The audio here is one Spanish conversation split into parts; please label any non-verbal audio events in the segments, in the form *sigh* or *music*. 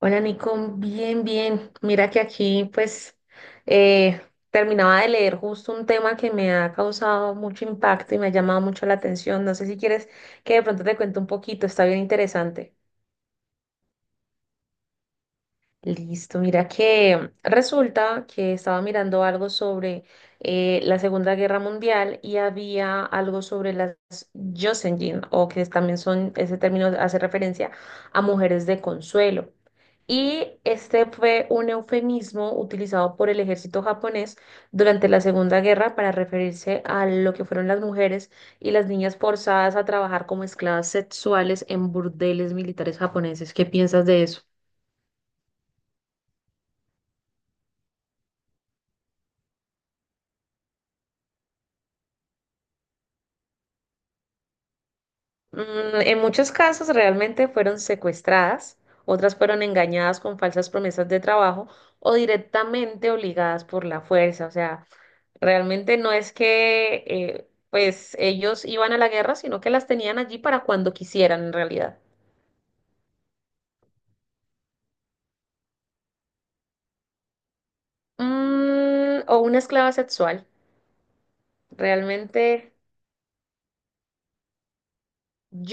Hola Nico, bien, bien. Mira que aquí pues eh, terminaba de leer justo un tema que me ha causado mucho impacto y me ha llamado mucho la atención. No sé si quieres que de pronto te cuente un poquito, está bien interesante. Listo, mira que resulta que estaba mirando algo sobre la Segunda Guerra Mundial y había algo sobre las Jocelyn, o que también son, ese término hace referencia a mujeres de consuelo. Y este fue un eufemismo utilizado por el ejército japonés durante la Segunda Guerra para referirse a lo que fueron las mujeres y las niñas forzadas a trabajar como esclavas sexuales en burdeles militares japoneses. ¿Qué piensas de eso? En muchos casos realmente fueron secuestradas, otras fueron engañadas con falsas promesas de trabajo o directamente obligadas por la fuerza. O sea, realmente no es que pues ellos iban a la guerra, sino que las tenían allí para cuando quisieran en realidad. O una esclava sexual, realmente.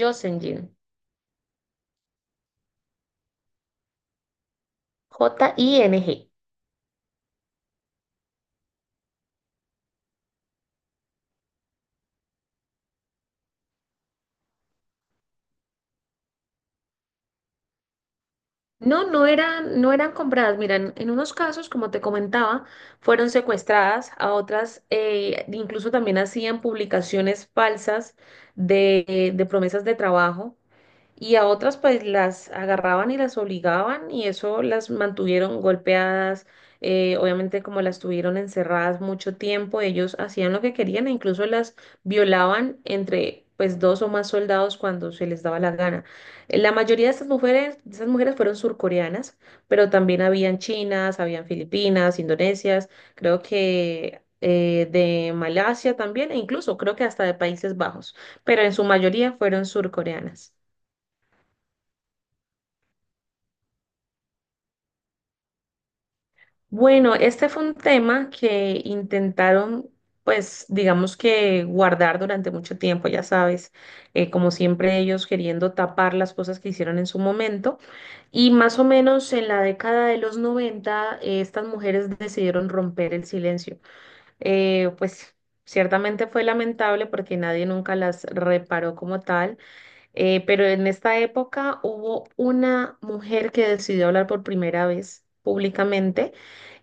Jocelyn, Jing. No, no eran compradas. Mira, en unos casos, como te comentaba, fueron secuestradas, a otras incluso también hacían publicaciones falsas de promesas de trabajo y a otras pues las agarraban y las obligaban y eso las mantuvieron golpeadas, obviamente como las tuvieron encerradas mucho tiempo, ellos hacían lo que querían e incluso las violaban entre pues dos o más soldados cuando se les daba la gana. La mayoría de estas mujeres, de esas mujeres fueron surcoreanas, pero también habían chinas, habían filipinas, indonesias, creo que de Malasia también, e incluso creo que hasta de Países Bajos, pero en su mayoría fueron surcoreanas. Bueno, este fue un tema que intentaron, pues, digamos que guardar durante mucho tiempo, ya sabes, como siempre ellos queriendo tapar las cosas que hicieron en su momento. Y más o menos en la década de los 90, estas mujeres decidieron romper el silencio. Pues ciertamente fue lamentable porque nadie nunca las reparó como tal, pero en esta época hubo una mujer que decidió hablar por primera vez públicamente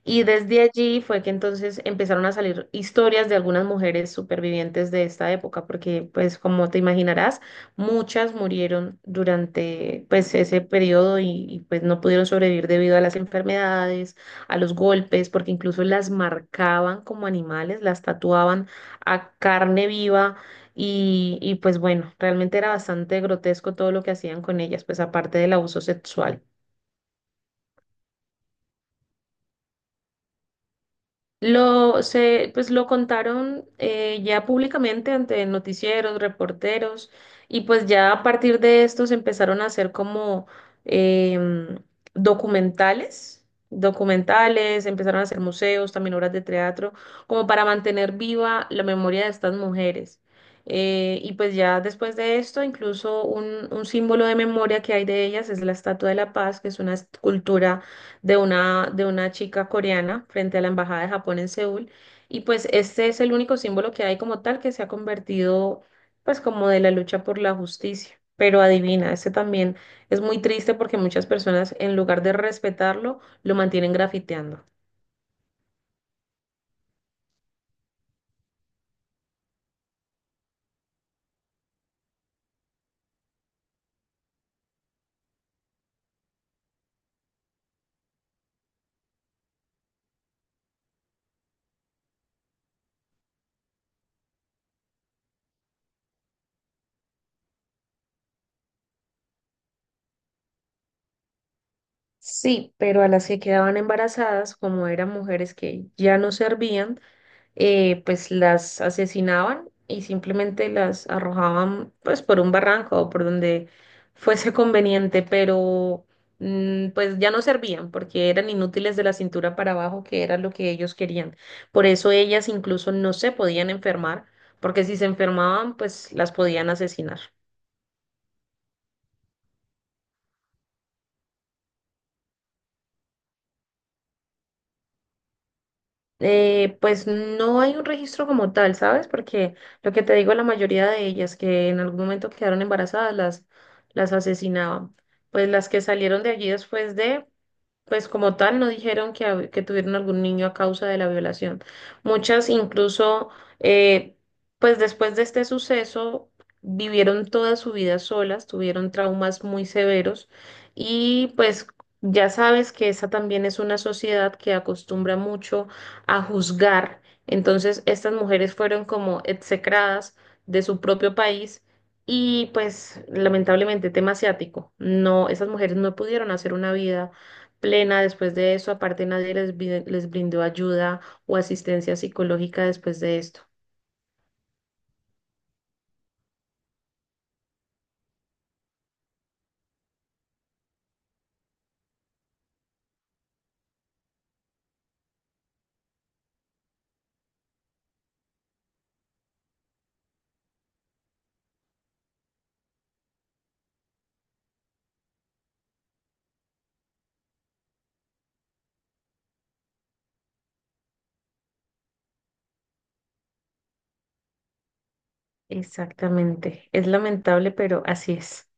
y desde allí fue que entonces empezaron a salir historias de algunas mujeres supervivientes de esta época, porque pues como te imaginarás, muchas murieron durante pues ese periodo y, pues no pudieron sobrevivir debido a las enfermedades, a los golpes, porque incluso las marcaban como animales, las tatuaban a carne viva y pues bueno, realmente era bastante grotesco todo lo que hacían con ellas, pues aparte del abuso sexual. Pues lo contaron ya públicamente ante noticieros, reporteros, y pues ya a partir de estos empezaron a hacer como em, documentales, documentales, empezaron a hacer museos, también obras de teatro, como para mantener viva la memoria de estas mujeres. Y pues ya después de esto, incluso un símbolo de memoria que hay de ellas es la Estatua de la Paz, que es una escultura de una chica coreana frente a la Embajada de Japón en Seúl. Y pues este es el único símbolo que hay como tal que se ha convertido pues como de la lucha por la justicia. Pero adivina, este también es muy triste porque muchas personas en lugar de respetarlo lo mantienen grafiteando. Sí, pero a las que quedaban embarazadas, como eran mujeres que ya no servían, pues las asesinaban y simplemente las arrojaban pues por un barranco o por donde *laughs* fuese conveniente, pero pues ya no servían porque eran inútiles de la cintura para abajo, que era lo que ellos querían. Por eso ellas incluso no se podían enfermar, porque si se enfermaban, pues las podían asesinar. Pues no hay un registro como tal, ¿sabes? Porque lo que te digo, la mayoría de ellas que en algún momento quedaron embarazadas las asesinaban. Pues las que salieron de allí después de, pues como tal, no dijeron que tuvieron algún niño a causa de la violación. Muchas incluso, eh, pues después de este suceso, vivieron toda su vida solas, tuvieron traumas muy severos y pues ya sabes que esa también es una sociedad que acostumbra mucho a juzgar. Entonces, estas mujeres fueron como execradas de su propio país. Y pues lamentablemente tema asiático, no, esas mujeres no pudieron hacer una vida plena después de eso. Aparte, nadie les brindó ayuda o asistencia psicológica después de esto. Exactamente. Es lamentable, pero así es.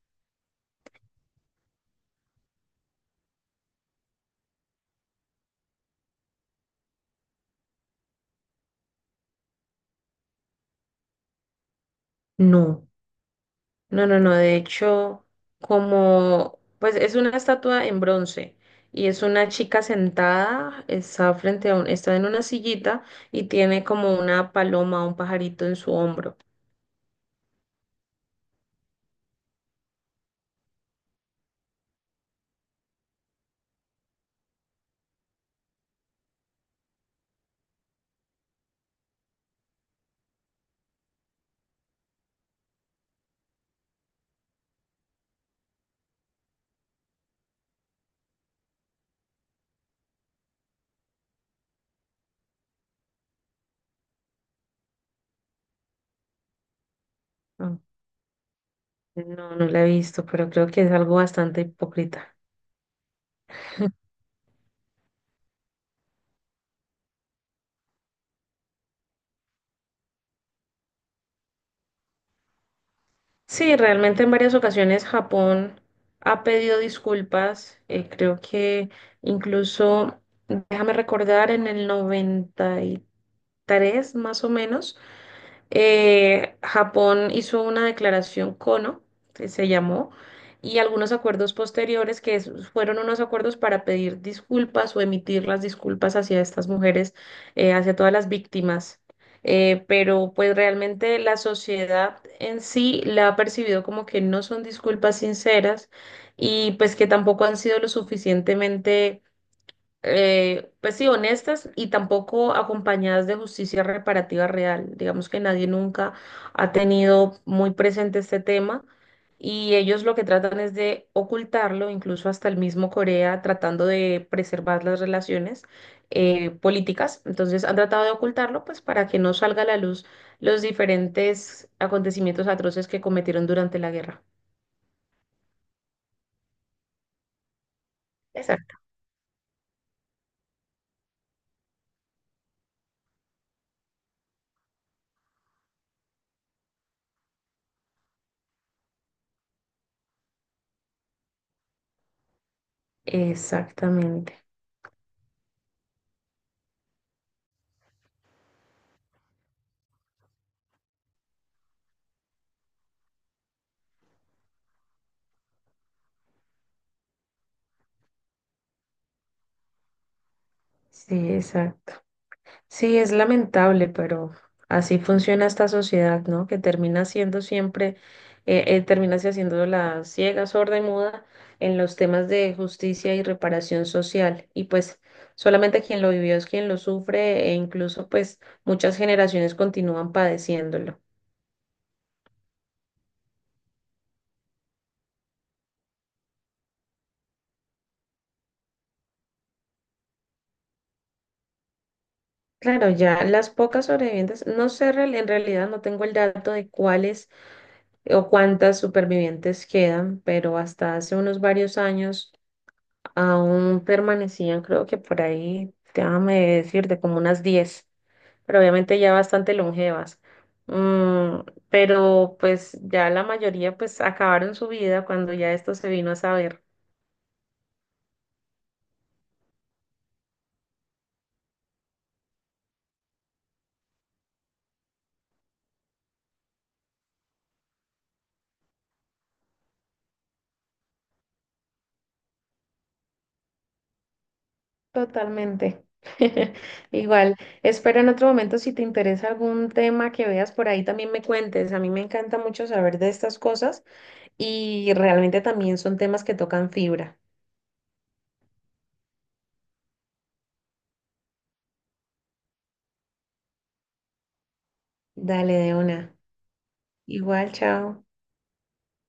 No, no, no, no. De hecho, como, pues es una estatua en bronce y es una chica sentada, está frente a un, está en una sillita y tiene como una paloma, un pajarito en su hombro. Ah, no, no la he visto, pero creo que es algo bastante hipócrita. Sí, realmente en varias ocasiones Japón ha pedido disculpas. Creo que incluso, déjame recordar, en el 93 más o menos, Japón hizo una declaración Kono que se llamó, y algunos acuerdos posteriores que fueron unos acuerdos para pedir disculpas o emitir las disculpas hacia estas mujeres, hacia todas las víctimas. Pero pues realmente la sociedad en sí la ha percibido como que no son disculpas sinceras y pues que tampoco han sido lo suficientemente pues sí, honestas y tampoco acompañadas de justicia reparativa real. Digamos que nadie nunca ha tenido muy presente este tema y ellos lo que tratan es de ocultarlo, incluso hasta el mismo Corea tratando de preservar las relaciones políticas. Entonces han tratado de ocultarlo pues para que no salga a la luz los diferentes acontecimientos atroces que cometieron durante la guerra. Exacto. Exactamente. Sí, exacto. Sí, es lamentable, pero así funciona esta sociedad, ¿no? Que termina siendo siempre, termina se haciendo la ciega, sorda y muda en los temas de justicia y reparación social. Y pues solamente quien lo vivió es quien lo sufre e incluso pues muchas generaciones continúan padeciéndolo. Claro, ya las pocas sobrevivientes, no sé, en realidad no tengo el dato de cuáles o cuántas supervivientes quedan, pero hasta hace unos varios años. Aún permanecían, creo que por ahí, déjame decir, de como unas 10 pero obviamente ya bastante longevas. Mm, pero pues ya la mayoría pues acabaron su vida cuando ya esto se vino a saber. Totalmente. *laughs* Igual, espero en otro momento si te interesa algún tema que veas por ahí también me cuentes. A mí me encanta mucho saber de estas cosas y realmente también son temas que tocan fibra. Dale de una. Igual, chao.